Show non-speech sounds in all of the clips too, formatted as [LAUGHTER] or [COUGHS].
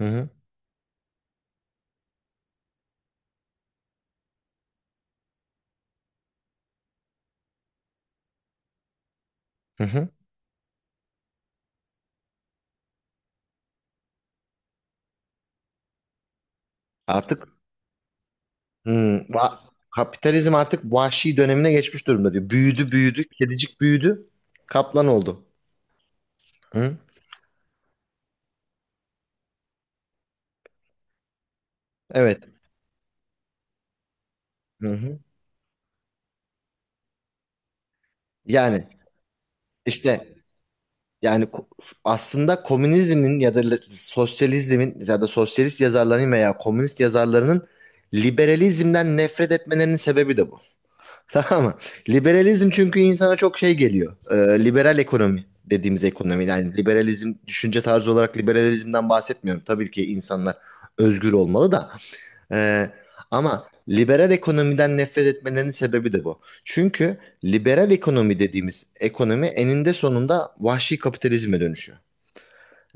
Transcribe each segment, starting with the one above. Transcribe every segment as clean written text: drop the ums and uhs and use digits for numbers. Hı hı. Hı hı. Artık hmm, va- Kapitalizm artık vahşi dönemine geçmiş durumda diyor. Büyüdü büyüdü. Kedicik büyüdü. Kaplan oldu. Hı? Evet. Hı hı. Yani işte yani ko- aslında komünizmin ya da sosyalizmin ya da sosyalist yazarların veya komünist yazarlarının liberalizmden nefret etmelerinin sebebi de bu. Tamam mı? Liberalizm çünkü insana çok şey geliyor. Liberal ekonomi dediğimiz ekonomi. Yani liberalizm düşünce tarzı olarak liberalizmden bahsetmiyorum. Tabii ki insanlar özgür olmalı da. Ee, Ama liberal ekonomiden nefret etmelerinin sebebi de bu. Çünkü liberal ekonomi dediğimiz ekonomi eninde sonunda vahşi kapitalizme dönüşüyor.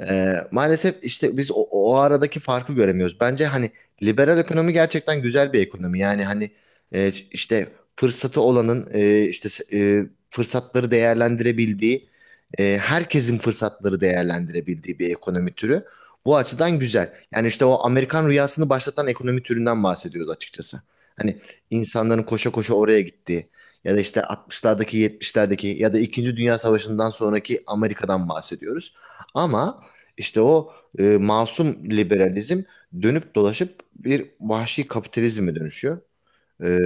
Maalesef işte biz o aradaki farkı göremiyoruz. Bence hani liberal ekonomi gerçekten güzel bir ekonomi. Yani hani işte fırsatı olanın e, fırsatları değerlendirebildiği, herkesin fırsatları değerlendirebildiği bir ekonomi türü. Bu açıdan güzel. Yani işte o Amerikan rüyasını başlatan ekonomi türünden bahsediyoruz açıkçası. Hani insanların koşa koşa oraya gittiği ya da işte 60'lardaki 70'lerdeki ya da 2. Dünya Savaşı'ndan sonraki Amerika'dan bahsediyoruz. Ama işte o masum liberalizm dönüp dolaşıp bir vahşi kapitalizme dönüşüyor. E,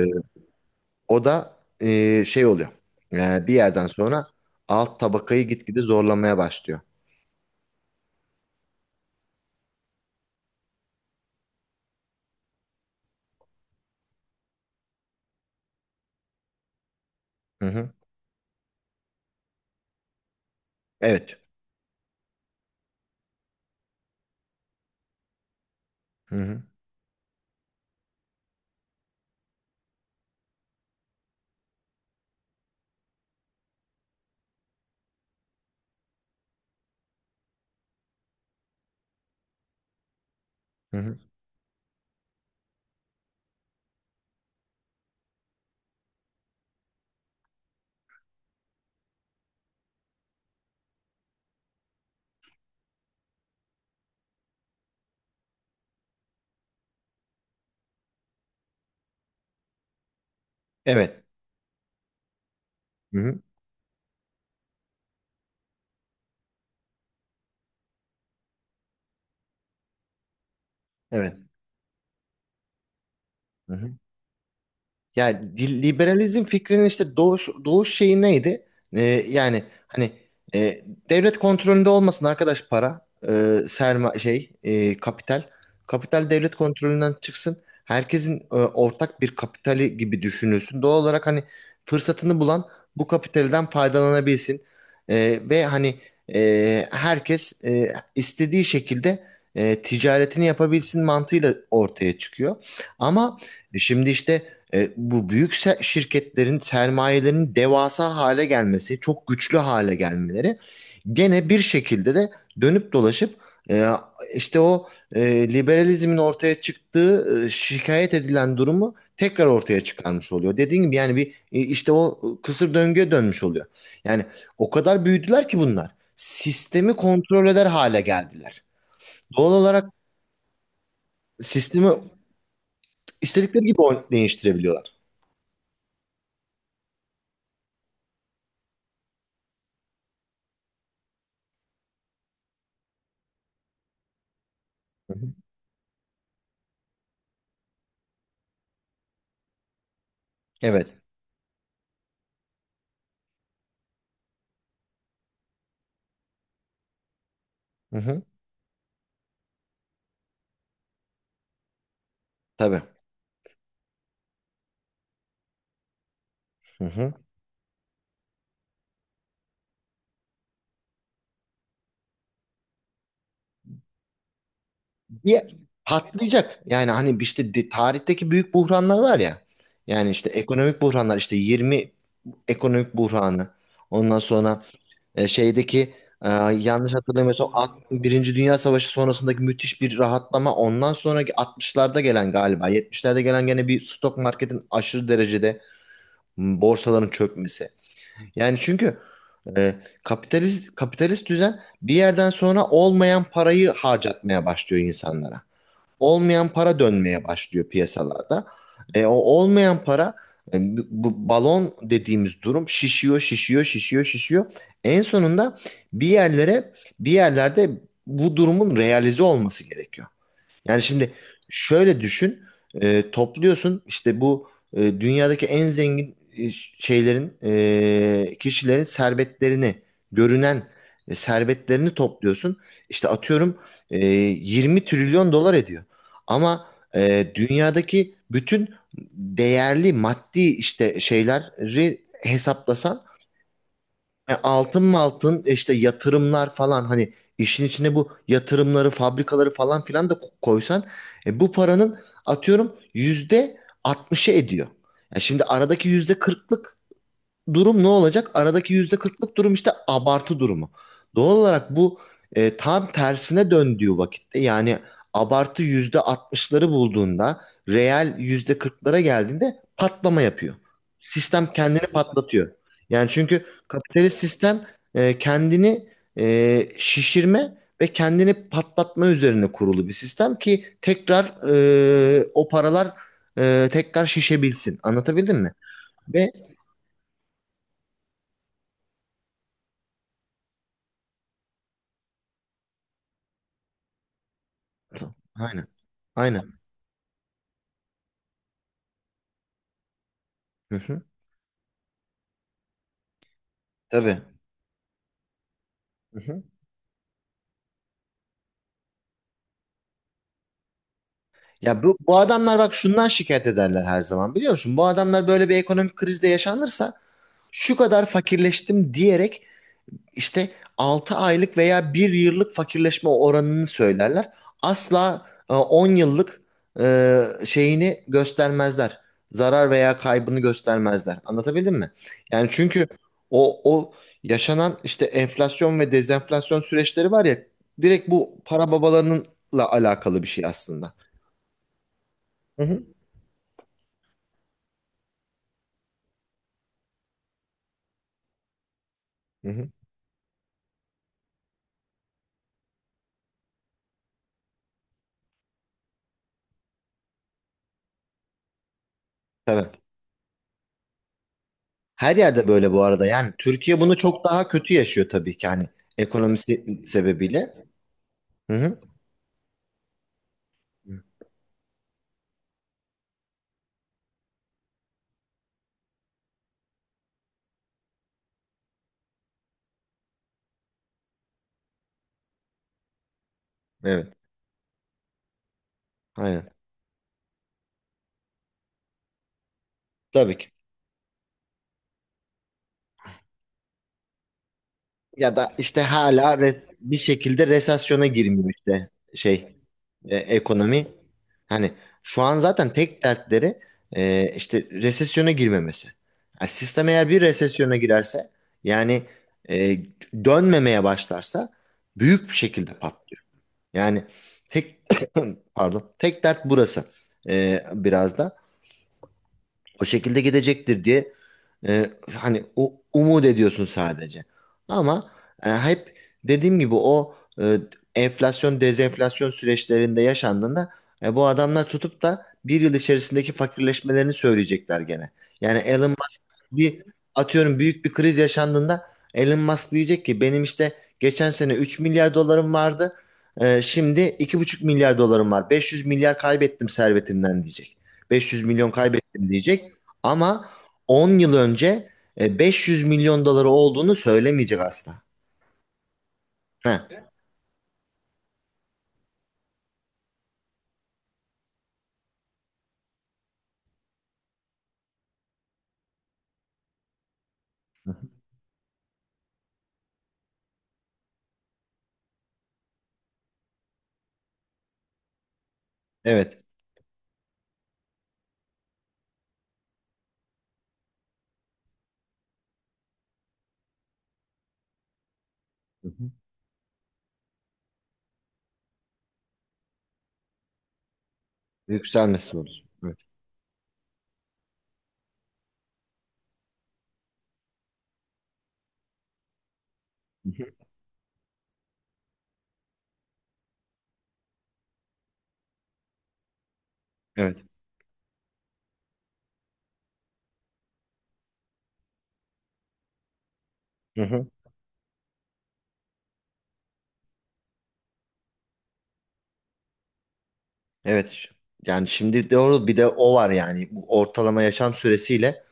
O da şey oluyor. Bir yerden sonra alt tabakayı gitgide zorlamaya başlıyor. Hı hı. Evet. Hı hı. Hı hı. Evet. Hı hı. Evet. Hı hı. Yani liberalizm fikrinin işte doğuş şeyi neydi? Ee, Yani hani e, devlet kontrolünde olmasın arkadaş para, kapital. Kapital devlet kontrolünden çıksın. Herkesin ortak bir kapitali gibi düşünülsün. Doğal olarak hani fırsatını bulan bu kapitalden faydalanabilsin. Ve hani herkes istediği şekilde ticaretini yapabilsin mantığıyla ortaya çıkıyor. Ama şimdi işte bu büyük şirketlerin sermayelerinin devasa hale gelmesi, çok güçlü hale gelmeleri gene bir şekilde de dönüp dolaşıp e, işte o liberalizmin ortaya çıktığı şikayet edilen durumu tekrar ortaya çıkarmış oluyor. Dediğim gibi yani bir işte o kısır döngüye dönmüş oluyor. Yani o kadar büyüdüler ki bunlar. Sistemi kontrol eder hale geldiler. Doğal olarak sistemi istedikleri gibi değiştirebiliyorlar. Hı hı. Evet. Hı hı. Tabii. Hı hı. bir Patlayacak. Yani hani işte tarihteki büyük buhranlar var ya. Yani işte ekonomik buhranlar işte 20 ekonomik buhranı. Ondan sonra şeydeki e, yanlış hatırlamıyorsam Birinci Dünya Savaşı sonrasındaki müthiş bir rahatlama. Ondan sonraki 60'larda gelen galiba 70'lerde gelen gene bir stok marketin aşırı derecede borsaların çökmesi. Yani çünkü e, kapitalist düzen bir yerden sonra olmayan parayı harcatmaya başlıyor insanlara. Olmayan para dönmeye başlıyor piyasalarda. O olmayan para, bu balon dediğimiz durum şişiyor, şişiyor, şişiyor, şişiyor. En sonunda bir yerlere, bir yerlerde bu durumun realize olması gerekiyor. Yani şimdi şöyle düşün, topluyorsun işte bu dünyadaki en zengin kişilerin servetlerini, görünen servetlerini topluyorsun. İşte atıyorum 20 trilyon dolar ediyor. Ama dünyadaki bütün değerli maddi işte şeyleri hesaplasan altın mı altın işte yatırımlar falan hani işin içine bu yatırımları fabrikaları falan filan da koysan bu paranın atıyorum yüzde 60'ı ediyor. Ya şimdi aradaki yüzde kırklık durum ne olacak? Aradaki yüzde kırklık durum işte abartı durumu. Doğal olarak bu tam tersine döndüğü vakitte yani abartı yüzde altmışları bulduğunda reel yüzde kırklara geldiğinde patlama yapıyor. Sistem kendini patlatıyor. Yani çünkü kapitalist sistem kendini şişirme ve kendini patlatma üzerine kurulu bir sistem ki tekrar o paralar tekrar şişebilsin. Anlatabildim mi? Ve Aynen. Aynen. Hı hı. Tabii. Hı hı. Ya bu adamlar bak şundan şikayet ederler her zaman biliyor musun? Bu adamlar böyle bir ekonomik krizde yaşanırsa şu kadar fakirleştim diyerek İşte 6 aylık veya bir yıllık fakirleşme oranını söylerler. Asla 10 yıllık şeyini göstermezler. Zarar veya kaybını göstermezler. Anlatabildim mi? Yani çünkü o yaşanan işte enflasyon ve dezenflasyon süreçleri var ya, direkt bu para babalarınınla alakalı bir şey aslında. Hı hı. Hı hı. Tabii. Her yerde böyle bu arada. Yani Türkiye bunu çok daha kötü yaşıyor tabii ki, hani ekonomisi sebebiyle. Hı hı. Evet. Aynen. Tabii ki. Ya da işte hala bir şekilde resesyona girmiyor işte ekonomi. Hani şu an zaten tek dertleri işte resesyona girmemesi. Yani sistem eğer bir resesyona girerse yani e, dönmemeye başlarsa büyük bir şekilde patlıyor. Yani tek [COUGHS] [CLEARS THROAT] pardon, tek dert burası. Biraz da o şekilde gidecektir diye hani umut ediyorsun sadece. Ama hep dediğim gibi o e, enflasyon dezenflasyon süreçlerinde yaşandığında bu adamlar tutup da bir yıl içerisindeki fakirleşmelerini söyleyecekler gene. Yani Elon Musk, bir atıyorum büyük bir kriz yaşandığında, Elon Musk diyecek ki benim işte geçen sene 3 milyar dolarım vardı. Şimdi 2,5 milyar dolarım var. 500 milyar kaybettim servetimden diyecek. 500 milyon kaybettim diyecek. Ama 10 yıl önce 500 milyon doları olduğunu söylemeyecek asla. Ha, evet. Hı hı. Yükselmesi olur. Evet. Hı hı. Evet. Hı hı. Evet. Yani şimdi doğru, bir de o var yani. Bu ortalama yaşam süresiyle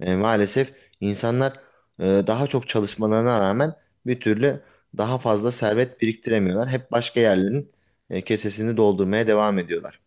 maalesef insanlar daha çok çalışmalarına rağmen bir türlü daha fazla servet biriktiremiyorlar. Hep başka yerlerin kesesini doldurmaya devam ediyorlar.